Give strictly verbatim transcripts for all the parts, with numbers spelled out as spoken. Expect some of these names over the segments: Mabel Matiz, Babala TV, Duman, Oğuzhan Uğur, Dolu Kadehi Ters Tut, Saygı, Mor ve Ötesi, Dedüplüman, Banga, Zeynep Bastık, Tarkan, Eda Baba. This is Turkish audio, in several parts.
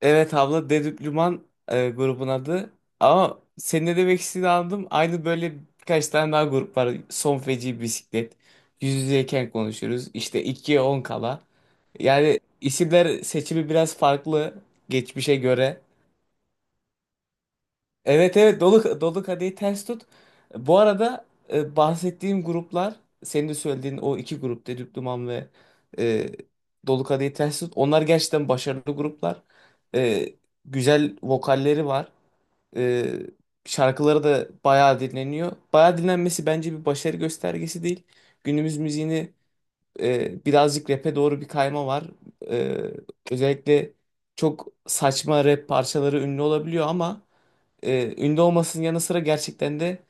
Evet abla Dedüplüman e, grubun adı. Ama senin ne demek istediğini anladım. Aynı böyle birkaç tane daha grup var. Son feci bisiklet. Yüz yüzeyken konuşuruz. İşte ikiye on kala. Yani isimler seçimi biraz farklı geçmişe göre. Evet, evet, dolu dolu kadehi ters tut. Bu arada e, bahsettiğim gruplar, senin de söylediğin o iki grup, Dedüp Duman ve e, Dolu Kadehi Ters Tut. Onlar gerçekten başarılı gruplar. E, Güzel vokalleri var. E, Şarkıları da bayağı dinleniyor. Bayağı dinlenmesi bence bir başarı göstergesi değil. Günümüz müziğini e, birazcık rap'e doğru bir kayma var. E, Özellikle çok saçma rap parçaları ünlü olabiliyor ama e, ünlü olmasının yanı sıra gerçekten de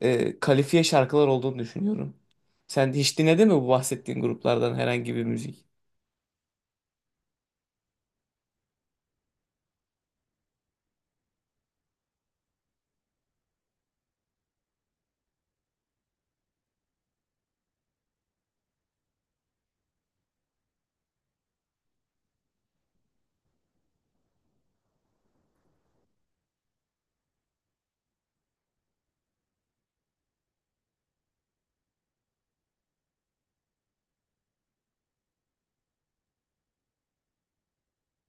e, kalifiye şarkılar olduğunu düşünüyorum. Sen hiç dinledin mi bu bahsettiğin gruplardan herhangi bir müzik?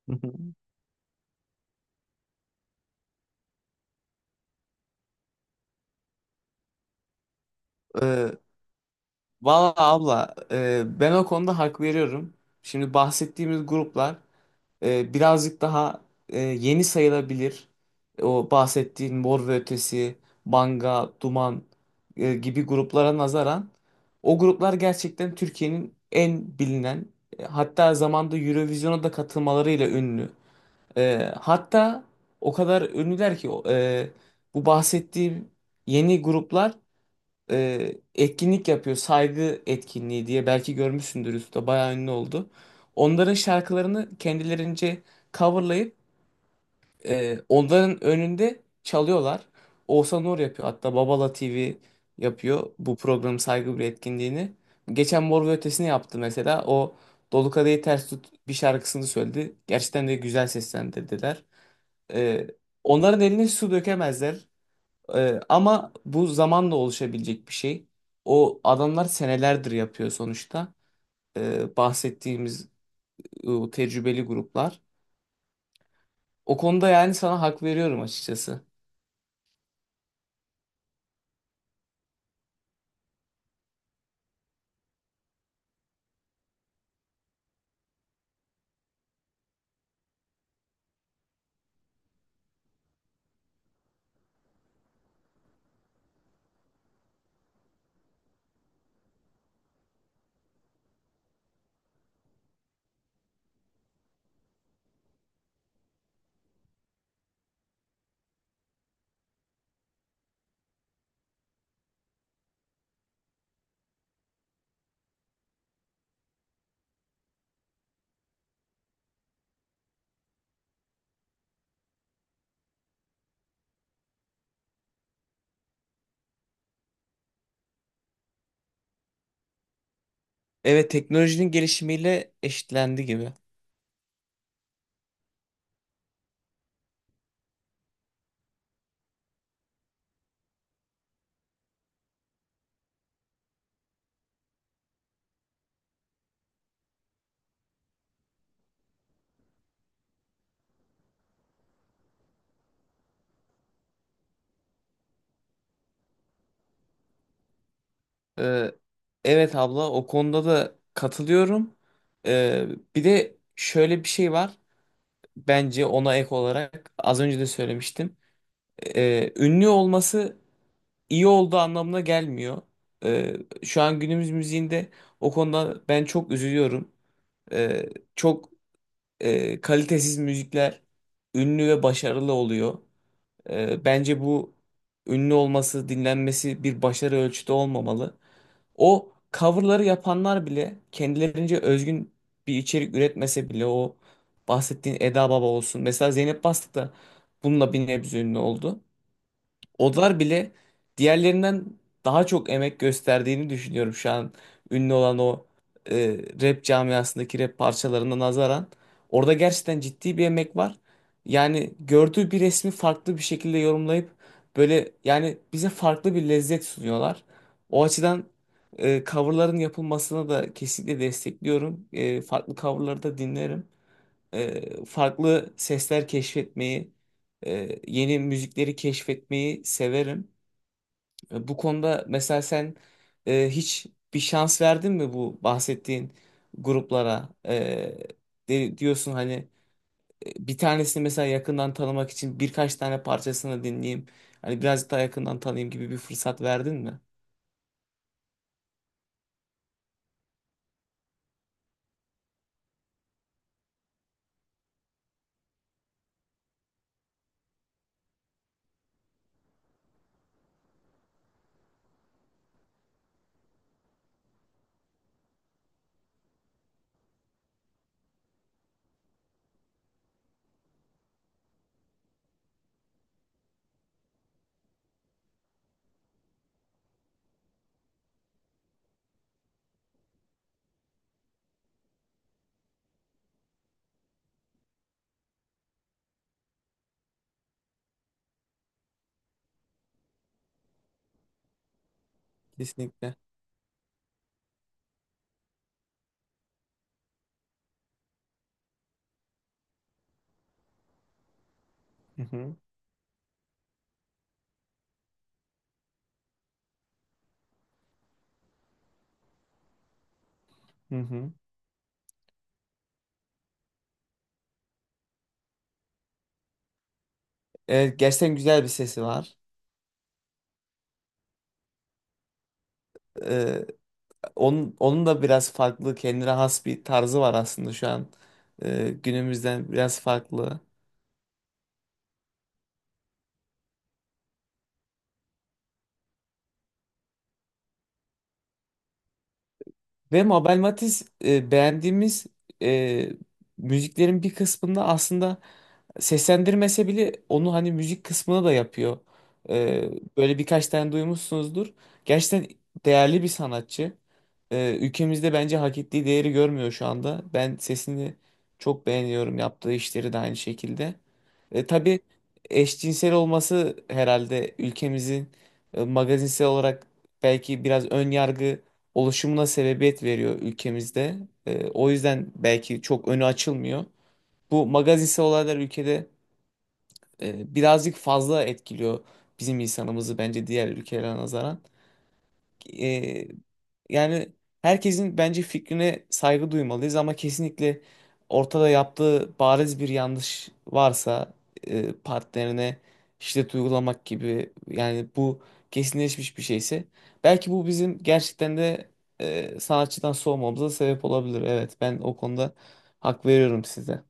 Hı hı. Ee, Valla abla e, ben o konuda hak veriyorum. Şimdi bahsettiğimiz gruplar e, birazcık daha e, yeni sayılabilir. O bahsettiğin Mor ve Ötesi, Banga, Duman e, gibi gruplara nazaran o gruplar gerçekten Türkiye'nin en bilinen e, hatta zamanda Eurovision'a da katılmalarıyla ünlü. E, hatta o kadar ünlüler ki o- e, bu bahsettiğim yeni gruplar e, etkinlik yapıyor. Saygı etkinliği diye belki görmüşsündür, üstte bayağı ünlü oldu. Onların şarkılarını kendilerince coverlayıp e, onların önünde çalıyorlar. Oğuzhan Uğur yapıyor. Hatta Babala T V yapıyor bu program saygı bir etkinliğini. Geçen Mor ve Ötesi'ni yaptı mesela. O Dolu Kadehi Ters Tut bir şarkısını söyledi. Gerçekten de güzel seslendirdiler. E, Onların eline su dökemezler. Ee, ama bu zamanla oluşabilecek bir şey. O adamlar senelerdir yapıyor sonuçta. Ee, bahsettiğimiz e, tecrübeli gruplar. O konuda yani sana hak veriyorum açıkçası. Evet, teknolojinin gelişimiyle eşitlendi gibi. Ee, evet abla, o konuda da katılıyorum. Ee, Bir de şöyle bir şey var. Bence ona ek olarak az önce de söylemiştim. Ee, ünlü olması iyi olduğu anlamına gelmiyor. Ee, Şu an günümüz müziğinde o konuda ben çok üzülüyorum. Ee, Çok e, kalitesiz müzikler ünlü ve başarılı oluyor. Ee, bence bu ünlü olması, dinlenmesi bir başarı ölçütü olmamalı. O coverları yapanlar bile kendilerince özgün bir içerik üretmese bile o bahsettiğin Eda Baba olsun. Mesela Zeynep Bastık da bununla bir nebze ünlü oldu. Olar bile diğerlerinden daha çok emek gösterdiğini düşünüyorum şu an ünlü olan o e, rap camiasındaki rap parçalarına nazaran. Orada gerçekten ciddi bir emek var. Yani gördüğü bir resmi farklı bir şekilde yorumlayıp böyle yani bize farklı bir lezzet sunuyorlar. O açıdan e, coverların yapılmasına da kesinlikle destekliyorum. E, farklı coverları da dinlerim e, farklı sesler keşfetmeyi, e, yeni müzikleri keşfetmeyi severim. E, bu konuda mesela sen e, hiç bir şans verdin mi bu bahsettiğin gruplara? E, de- diyorsun hani e, bir tanesini mesela yakından tanımak için birkaç tane parçasını dinleyeyim. Hani birazcık daha yakından tanıyayım gibi bir fırsat verdin mi? Kesinlikle. Hı hı. Hı hı. Evet, gerçekten güzel bir sesi var. Onun, onun da biraz farklı kendine has bir tarzı var aslında şu an e, günümüzden biraz farklı. Ve Mabel Matiz e, beğendiğimiz e, müziklerin bir kısmında aslında seslendirmese bile onu hani müzik kısmına da yapıyor. Ee, Böyle birkaç tane duymuşsunuzdur. Gerçekten değerli bir sanatçı. Ee, ülkemizde bence hak ettiği değeri görmüyor şu anda. Ben sesini çok beğeniyorum. Yaptığı işleri de aynı şekilde. E, tabii eşcinsel olması herhalde ülkemizin e, magazinsel olarak belki biraz ön yargı oluşumuna sebebiyet veriyor ülkemizde. E, o yüzden belki çok önü açılmıyor. Bu magazinsel olaylar ülkede e, birazcık fazla etkiliyor bizim insanımızı bence diğer ülkelere nazaran. E, Yani herkesin bence fikrine saygı duymalıyız ama kesinlikle ortada yaptığı bariz bir yanlış varsa e, partnerine şiddet uygulamak gibi, yani bu kesinleşmiş bir şeyse belki bu bizim gerçekten de e, sanatçıdan soğumamıza sebep olabilir. Evet, ben o konuda hak veriyorum size.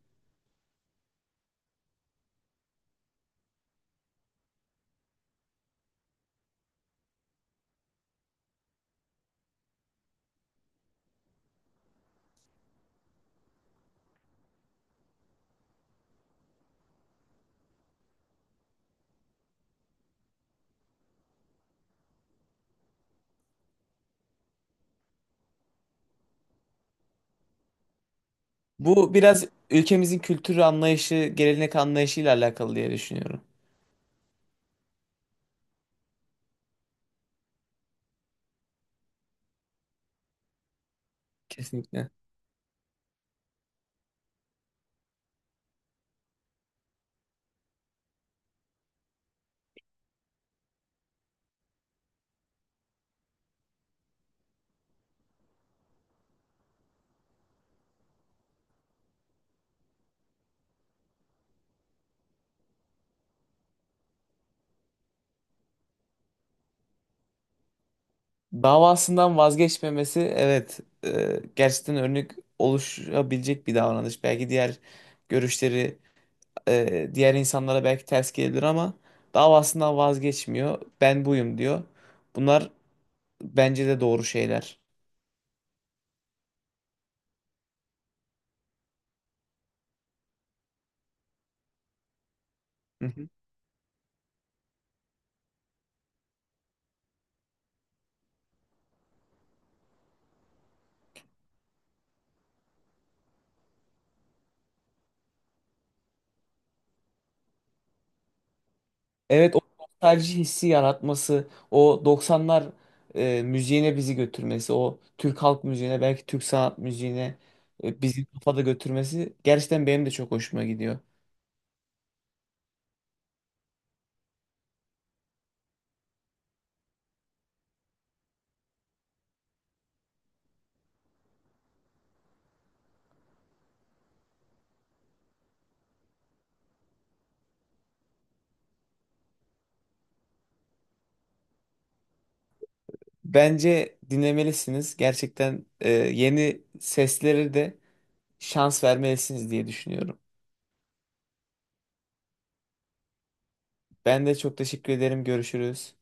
Bu biraz ülkemizin kültür anlayışı, gelenek anlayışıyla alakalı diye düşünüyorum. Kesinlikle. Davasından vazgeçmemesi, evet e, gerçekten örnek oluşabilecek bir davranış. Belki diğer görüşleri e, diğer insanlara belki ters gelebilir ama davasından vazgeçmiyor. Ben buyum diyor. Bunlar bence de doğru şeyler. Evet, o nostalji hissi yaratması, o doksanlar e, müziğine bizi götürmesi, o Türk halk müziğine, belki Türk sanat müziğine e, bizi kafada götürmesi gerçekten benim de çok hoşuma gidiyor. Bence dinlemelisiniz. Gerçekten e, yeni sesleri de şans vermelisiniz diye düşünüyorum. Ben de çok teşekkür ederim. Görüşürüz.